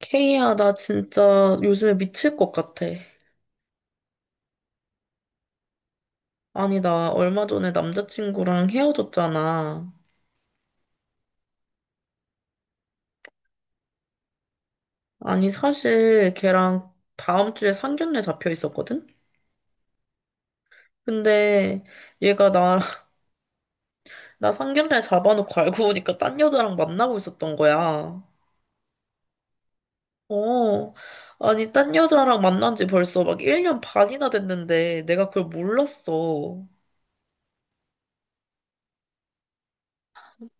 케이야, 나 진짜 요즘에 미칠 것 같아. 아니, 나 얼마 전에 남자친구랑 헤어졌잖아. 아니, 사실 걔랑 다음 주에 상견례 잡혀 있었거든? 근데 얘가 나, 나 상견례 잡아놓고 알고 보니까 딴 여자랑 만나고 있었던 거야. 어. 아니, 딴 여자랑 만난 지 벌써 막 1년 반이나 됐는데 내가 그걸 몰랐어.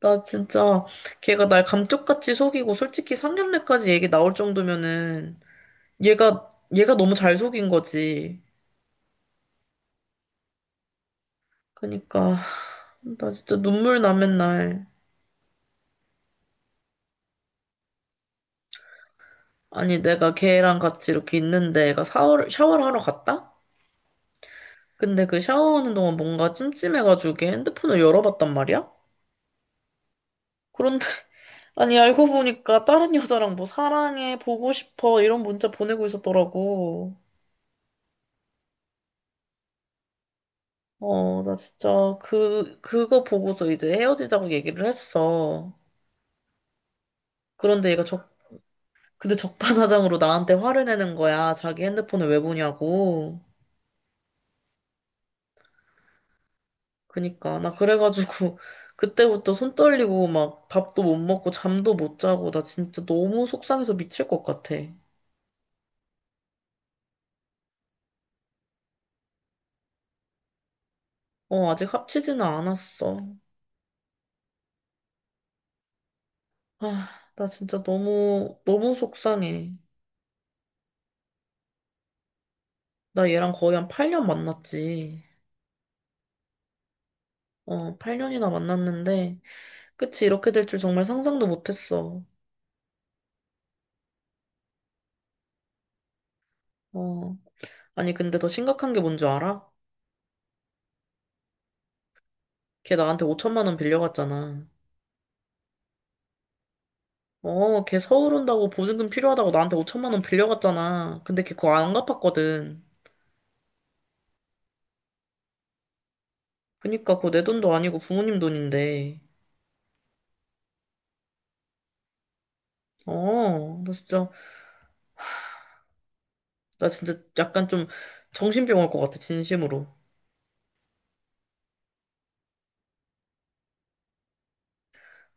나 진짜 걔가 날 감쪽같이 속이고 솔직히 상견례까지 얘기 나올 정도면은 얘가 너무 잘 속인 거지. 그니까, 나 진짜 눈물 나 맨날. 아니, 내가 걔랑 같이 이렇게 있는데 얘가 샤워를 하러 갔다? 근데 그 샤워하는 동안 뭔가 찜찜해가지고 걔 핸드폰을 열어봤단 말이야? 그런데, 아니, 알고 보니까 다른 여자랑 뭐 사랑해, 보고 싶어, 이런 문자 보내고 있었더라고. 어, 나 진짜 그거 보고서 이제 헤어지자고 얘기를 했어. 그런데 얘가 적 근데 적반하장으로 나한테 화를 내는 거야. 자기 핸드폰을 왜 보냐고. 그니까. 나 그래가지고, 그때부터 손 떨리고, 막, 밥도 못 먹고, 잠도 못 자고, 나 진짜 너무 속상해서 미칠 것 같아. 어, 아직 합치지는 않았어. 아, 나 진짜 너무 속상해. 나 얘랑 거의 한 8년 만났지. 어, 8년이나 만났는데, 끝이 이렇게 될 줄 정말 상상도 못 했어. 어. 아니, 근데 더 심각한 게 뭔 줄 알아? 걔 나한테 5천만 원 빌려갔잖아. 어, 걔 서울 온다고 보증금 필요하다고 나한테 5천만 원 빌려갔잖아. 근데 걔 그거 안 갚았거든. 그니까 그거 내 돈도 아니고 부모님 돈인데. 어, 나 진짜 약간 좀 정신병 올 것 같아, 진심으로.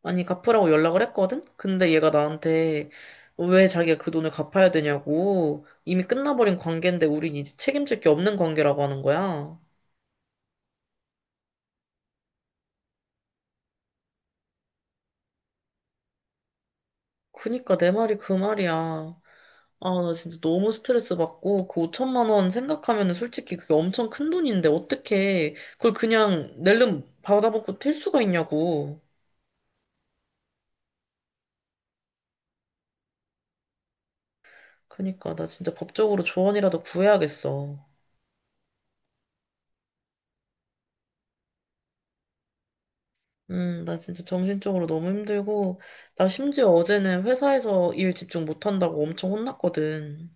아니, 갚으라고 연락을 했거든? 근데 얘가 나한테 왜 자기가 그 돈을 갚아야 되냐고. 이미 끝나버린 관계인데 우린 이제 책임질 게 없는 관계라고 하는 거야. 그니까 내 말이 그 말이야. 아, 나 진짜 너무 스트레스 받고, 그 5천만 원 생각하면은 솔직히 그게 엄청 큰 돈인데, 어떻게, 그걸 그냥 낼름 받아먹고 튈 수가 있냐고. 그니까, 나 진짜 법적으로 조언이라도 구해야겠어. 나 진짜 정신적으로 너무 힘들고, 나 심지어 어제는 회사에서 일 집중 못한다고 엄청 혼났거든.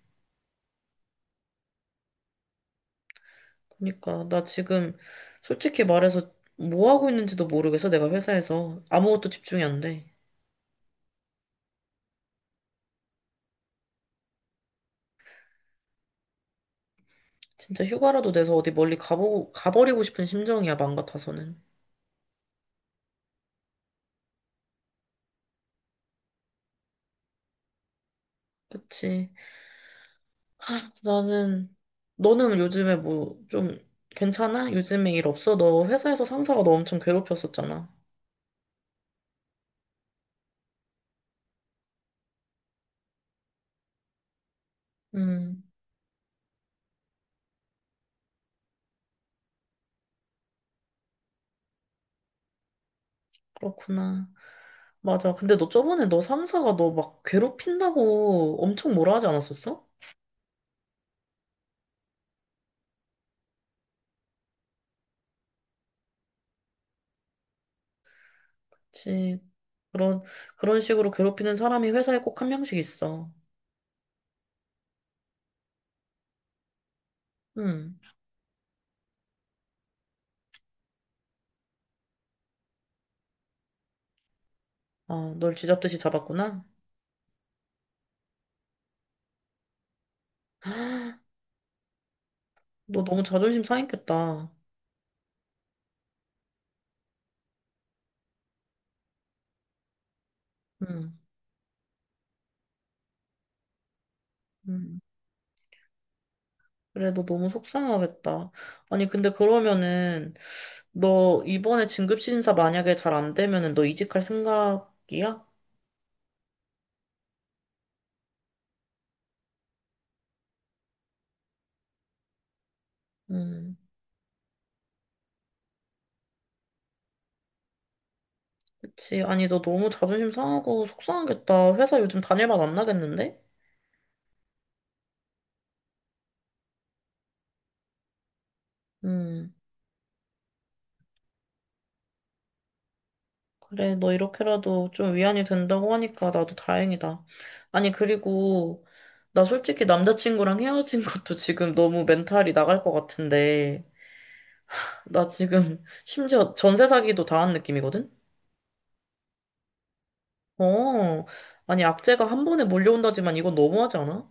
그니까, 나 지금 솔직히 말해서 뭐 하고 있는지도 모르겠어, 내가 회사에서. 아무것도 집중이 안 돼. 진짜 휴가라도 내서 어디 멀리 가버리고 싶은 심정이야, 맘 같아서는. 그치. 아, 나는, 너는 요즘에 뭐, 좀, 괜찮아? 요즘에 일 없어? 너 회사에서 상사가 너 엄청 괴롭혔었잖아. 음, 그렇구나. 맞아. 근데 너 저번에 너 상사가 너 막 괴롭힌다고 엄청 뭐라 하지 않았었어? 그치. 그런, 그런 식으로 괴롭히는 사람이 회사에 꼭 한 명씩 있어. 음. 아, 널 쥐잡듯이 잡았구나. 너 너무 자존심 상했겠다. 음. 음. 그래, 너 너무 속상하겠다. 아니, 근데 그러면은, 너 이번에 진급신사 만약에 잘 안 되면은 너 이직할 생각이야? 음, 그치. 아니, 너 너무 자존심 상하고 속상하겠다. 회사 요즘 다닐 맛 안 나겠는데? 음, 그래, 너 이렇게라도 좀 위안이 된다고 하니까 나도 다행이다. 아니, 그리고, 나 솔직히 남자친구랑 헤어진 것도 지금 너무 멘탈이 나갈 것 같은데, 나 지금 심지어 전세 사기도 당한 느낌이거든? 어, 아니, 악재가 한 번에 몰려온다지만 이건 너무하지 않아?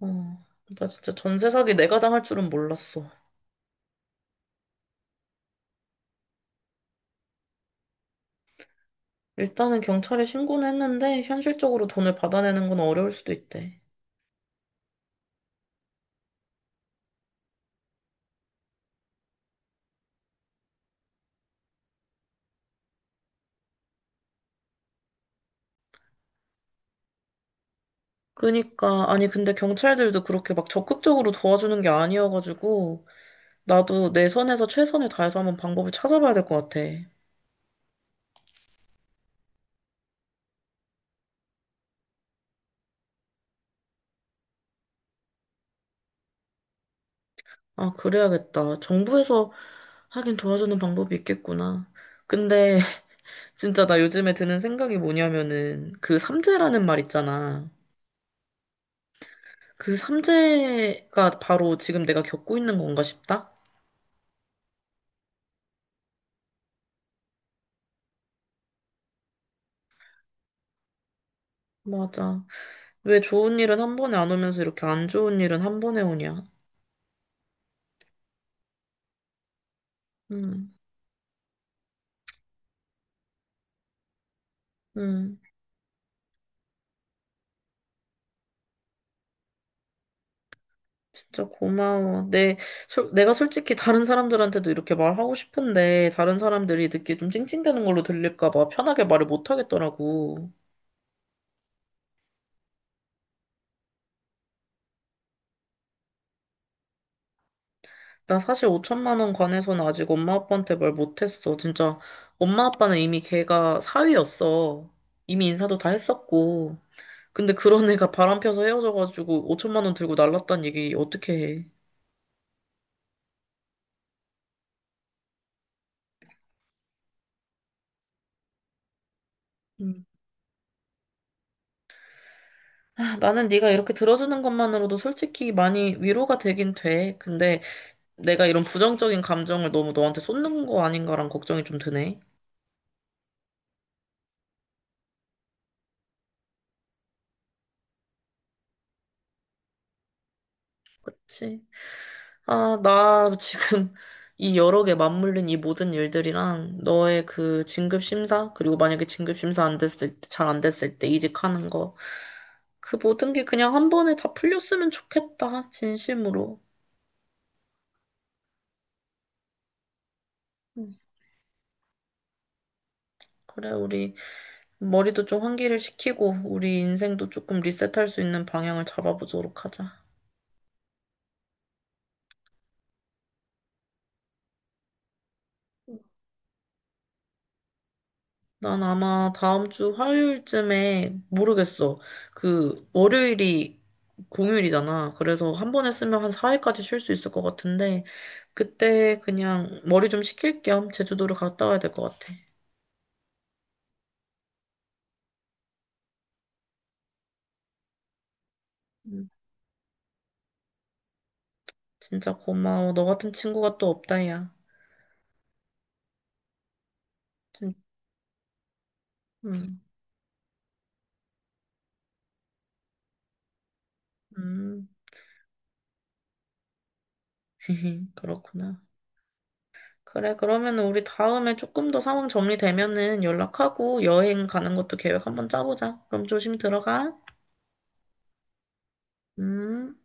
어, 나 진짜 전세 사기 내가 당할 줄은 몰랐어. 일단은 경찰에 신고는 했는데, 현실적으로 돈을 받아내는 건 어려울 수도 있대. 그니까, 아니, 근데 경찰들도 그렇게 막 적극적으로 도와주는 게 아니어가지고, 나도 내 선에서 최선을 다해서 한번 방법을 찾아봐야 될 것 같아. 아, 그래야겠다. 정부에서 하긴 도와주는 방법이 있겠구나. 근데 진짜 나 요즘에 드는 생각이 뭐냐면은 그 삼재라는 말 있잖아. 그 삼재가 바로 지금 내가 겪고 있는 건가 싶다? 맞아. 왜 좋은 일은 한 번에 안 오면서 이렇게 안 좋은 일은 한 번에 오냐? 음, 음. 진짜 고마워. 내가 솔직히 다른 사람들한테도 이렇게 말하고 싶은데 다른 사람들이 듣기 좀 찡찡대는 걸로 들릴까 봐 편하게 말을 못 하겠더라고. 나 사실 5천만 원 관해서는 아직 엄마 아빠한테 말 못했어. 진짜 엄마 아빠는 이미 걔가 사위였어. 이미 인사도 다 했었고. 근데 그런 애가 바람 펴서 헤어져가지고 5천만 원 들고 날랐단 얘기 어떻게 해? 음. 아, 나는 네가 이렇게 들어주는 것만으로도 솔직히 많이 위로가 되긴 돼. 근데 내가 이런 부정적인 감정을 너무 너한테 쏟는 거 아닌가란 걱정이 좀 드네. 그치? 아, 나 지금 이 여러 개 맞물린 이 모든 일들이랑 너의 그 진급 심사, 그리고 만약에 진급 심사 안 됐을 때, 잘 안 됐을 때 이직하는 거, 그 모든 게 그냥 한 번에 다 풀렸으면 좋겠다, 진심으로. 음, 그래, 우리 머리도 좀 환기를 시키고, 우리 인생도 조금 리셋할 수 있는 방향을 잡아보도록 하자. 난 아마 다음 주 화요일쯤에 모르겠어. 그 월요일이 공휴일이잖아. 그래서 한 번에 쓰면 한 4일까지 쉴 수 있을 것 같은데 그때 그냥 머리 좀 식힐 겸 제주도를 갔다 와야 될 것 같아. 음, 진짜 고마워. 너 같은 친구가 또 없다야. 진, 음, 음. 그렇구나. 그래, 그러면 은 우리 다음에 조금 더 상황 정리되면은 연락하고 여행 가는 것도 계획 한번 짜보자. 그럼 조심 들어가. 음.